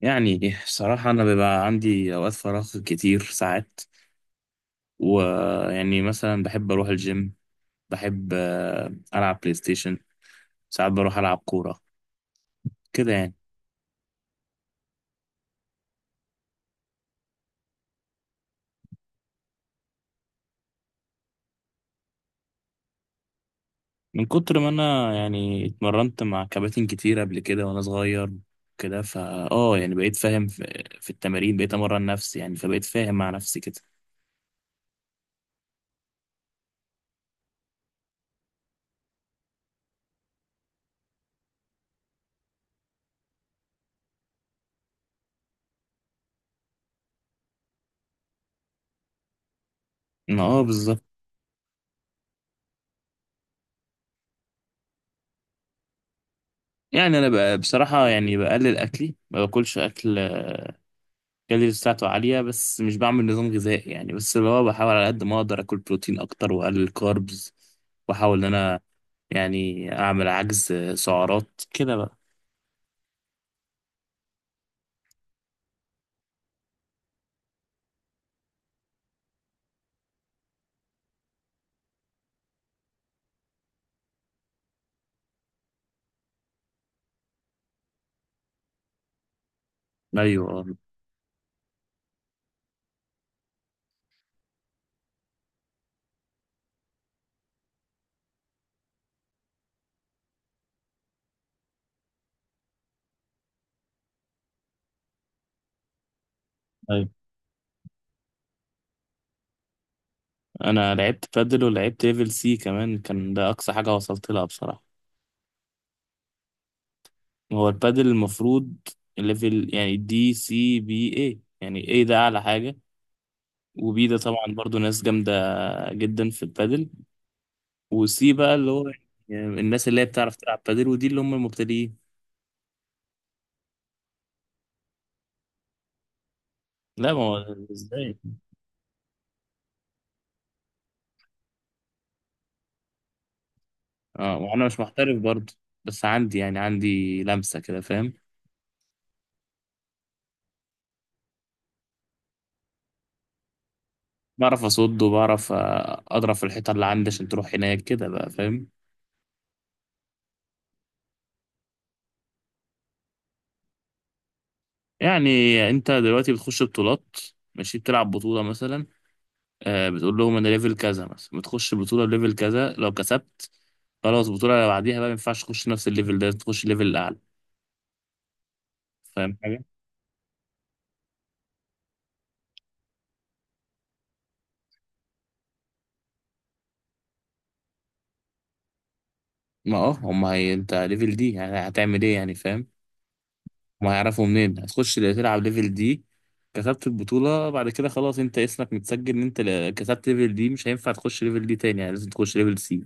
يعني صراحة أنا بيبقى عندي أوقات فراغ كتير ساعات، ويعني مثلا بحب أروح الجيم. بحب ألعب بلاي ستيشن. ساعات بروح ألعب كورة كده يعني. من كتر ما أنا يعني اتمرنت مع كباتن كتير قبل كده وأنا صغير كده، فا آه يعني بقيت فاهم في التمارين، بقيت أمرن نفسي يعني، فبقيت فاهم مع نفسي كده. ما بالظبط. يعني أنا بقى بصراحة يعني بقلل أكلي، ما باكلش أكل الكالوريز بتاعته عالية، بس مش بعمل نظام غذائي يعني، بس اللي هو بحاول على قد ما أقدر آكل بروتين أكتر وأقلل كاربز، وأحاول إن أنا يعني أعمل عجز سعرات كده بقى. أيوه أيوه. أنا لعبت بادل ولعبت ليفل سي كمان، كان ده أقصى حاجة وصلت لها بصراحة. هو البادل المفروض ليفل، يعني دي سي بي اي، يعني اي ده أعلى حاجة، وبي ده طبعا برضو ناس جامدة جدا في البادل، وسي بقى اللي هو يعني الناس اللي هي بتعرف تلعب بادل، ودي اللي هم المبتدئين. لا ما هو. ازاي؟ اه وانا مش محترف برضه، بس عندي يعني عندي لمسة كده فاهم. بعرف اصد وبعرف اضرب في الحيطة اللي عندي عشان تروح هناك كده بقى فاهم. يعني انت دلوقتي بتخش بطولات ماشي، بتلعب بطولة مثلا، بتقول لهم انا ليفل كذا مثلا، بتخش بطولة بليفل كذا. لو كسبت خلاص، البطولة اللي بعديها بقى ما ينفعش تخش نفس الليفل ده، تخش ليفل اعلى. فاهم حاجة؟ ما اه هم هي، انت ليفل دي يعني هتعمل ايه يعني فاهم؟ ما هيعرفوا منين هتخش تلعب ليفل دي. كسبت البطولة بعد كده خلاص انت اسمك متسجل ان انت كسبت ليفل دي، مش هينفع تخش ليفل دي تاني، يعني لازم تخش ليفل سي.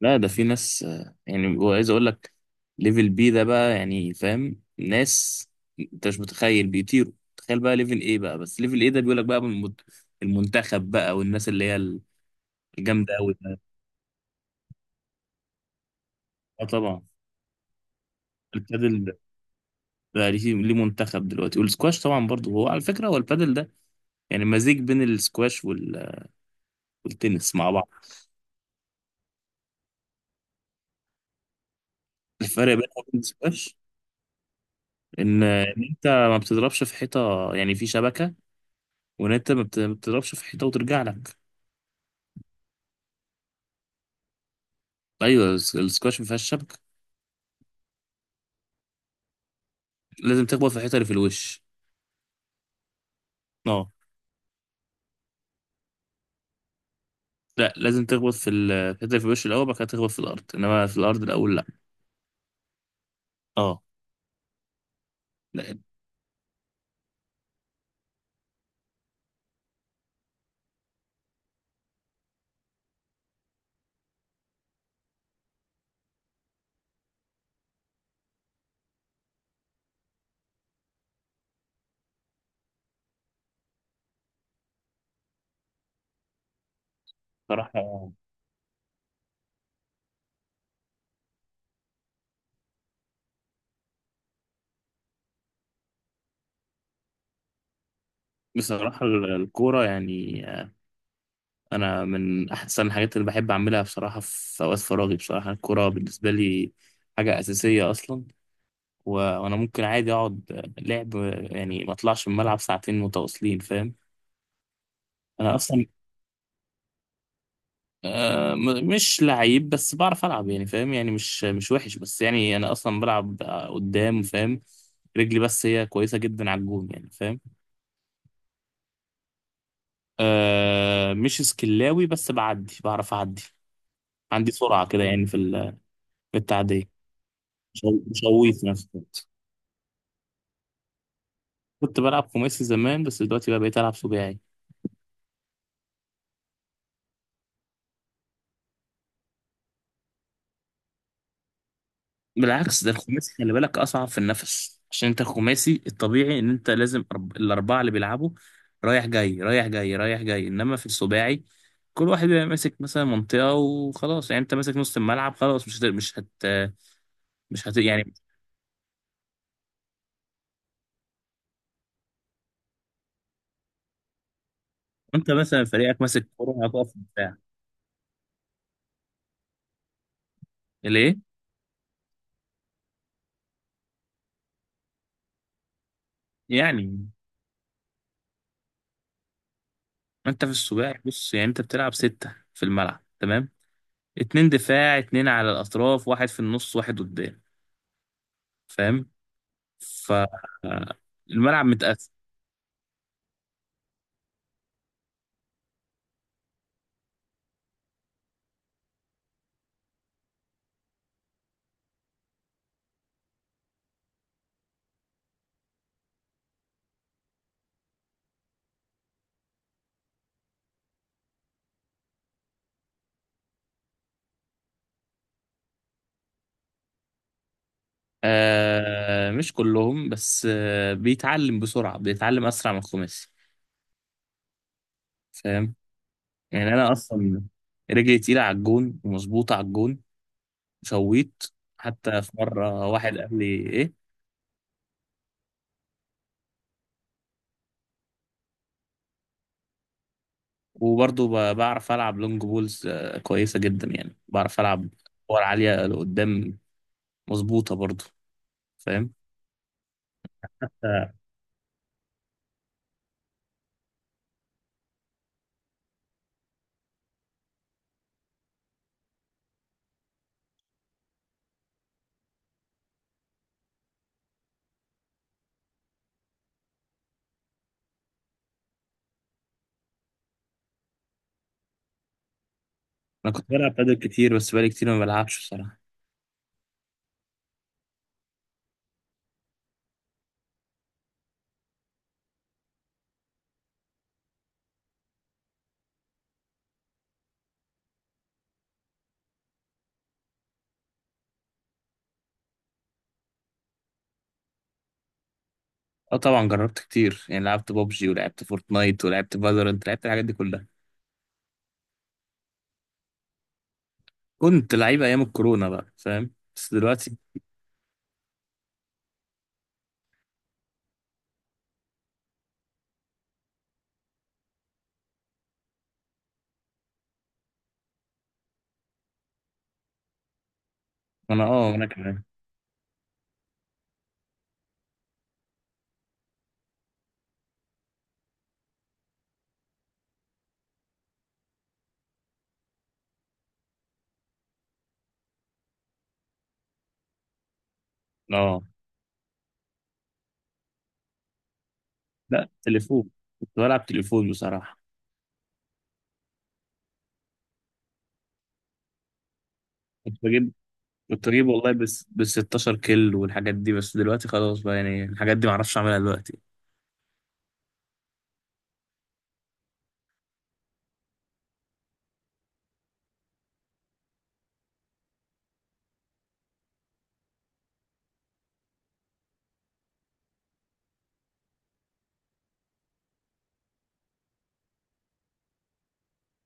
لا ده في ناس يعني وعايز اقول لك ليفل بي ده بقى يعني فاهم، ناس انت مش متخيل بيطيروا، تخيل بقى ليفل ايه بقى، بس ليفل ايه ده بيقول لك بقى من المنتخب بقى، والناس اللي هي الجامدة قوي. اه طبعا. البادل ده بقى ليه ليه منتخب دلوقتي، والسكواش طبعا برضه، هو على فكرة هو البادل ده يعني مزيج بين السكواش والتنس مع بعض. الفرق بينهم وبين السكواش ان انت ما بتضربش في حيطه، يعني في شبكه. وان انت ما بتضربش في حيطه وترجع لك. ايوه السكواش ما فيهاش شبكه. لازم تخبط في الحيطه اللي في الوش. اه. لا لازم تخبط في في الحيطه اللي في الوش الاول، بعد كده تخبط في الارض، انما في الارض الاول لا. اه. لا. بصراحه بصراحه الكوره يعني، انا من احسن الحاجات اللي بحب اعملها بصراحه في اوقات فراغي، بصراحه الكوره بالنسبه لي حاجه اساسيه اصلا. وانا ممكن عادي اقعد لعب، يعني ما اطلعش من الملعب ساعتين متواصلين فاهم. انا اصلا مش لعيب بس بعرف العب يعني فاهم، يعني مش وحش، بس يعني انا اصلا بلعب قدام فاهم، رجلي بس هي كويسه جدا على الجون يعني فاهم. مش سكلاوي بس بعدي بعرف اعدي. عندي سرعه كده يعني في في التعديه. مش غويط نفسي. كنت بلعب خماسي زمان، بس دلوقتي بقى بقيت العب سباعي. بالعكس، ده الخماسي خلي بالك اصعب في النفس، عشان انت الخماسي الطبيعي ان انت لازم الاربعه اللي بيلعبوا رايح جاي رايح جاي رايح جاي، انما في السباعي كل واحد بيبقى ماسك مثلا منطقه وخلاص، يعني انت ماسك نص الملعب خلاص مش هت... مش هت... مش هت... يعني. انت مثلا فريقك ماسك كوره هتقف في الدفاع ليه؟ يعني انت في السباعي بص، يعني انت بتلعب سته في الملعب تمام، اتنين دفاع اتنين على الاطراف واحد في النص واحد قدام فاهم. ف آه، الملعب متقسم. مش كلهم، بس بيتعلم بسرعة، بيتعلم أسرع من الخماسي فاهم. يعني أنا أصلا رجلي تقيلة على الجون ومظبوطة على الجون شويت، حتى في مرة واحد قال لي إيه. وبرضه بعرف ألعب لونج بولز كويسة جدا، يعني بعرف ألعب كور عالية لقدام مظبوطة برضه فاهم. أنا كنت بلعب بادل كتير، بس بقالي كتير ما بلعبش بصراحة. اه طبعا جربت كتير، يعني لعبت بابجي ولعبت فورتنايت ولعبت فالورنت، لعبت الحاجات دي كلها. كنت لعيب ايام الكورونا بقى فاهم، بس دلوقتي. انا اه وانا كمان. اه لا، تليفون. كنت بلعب تليفون بصراحه. كنت بجيب كنت بجيب والله، بس بال 16 كيل والحاجات دي، بس دلوقتي خلاص بقى، يعني الحاجات دي معرفش اعملها دلوقتي.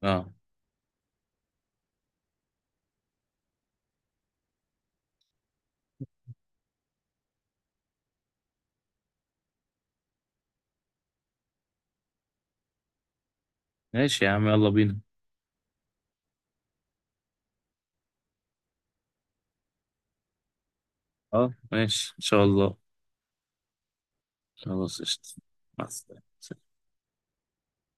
اه ماشي يا عم يلا بينا. اه ماشي ان شاء الله. خلاص قشطة. مع السلامه.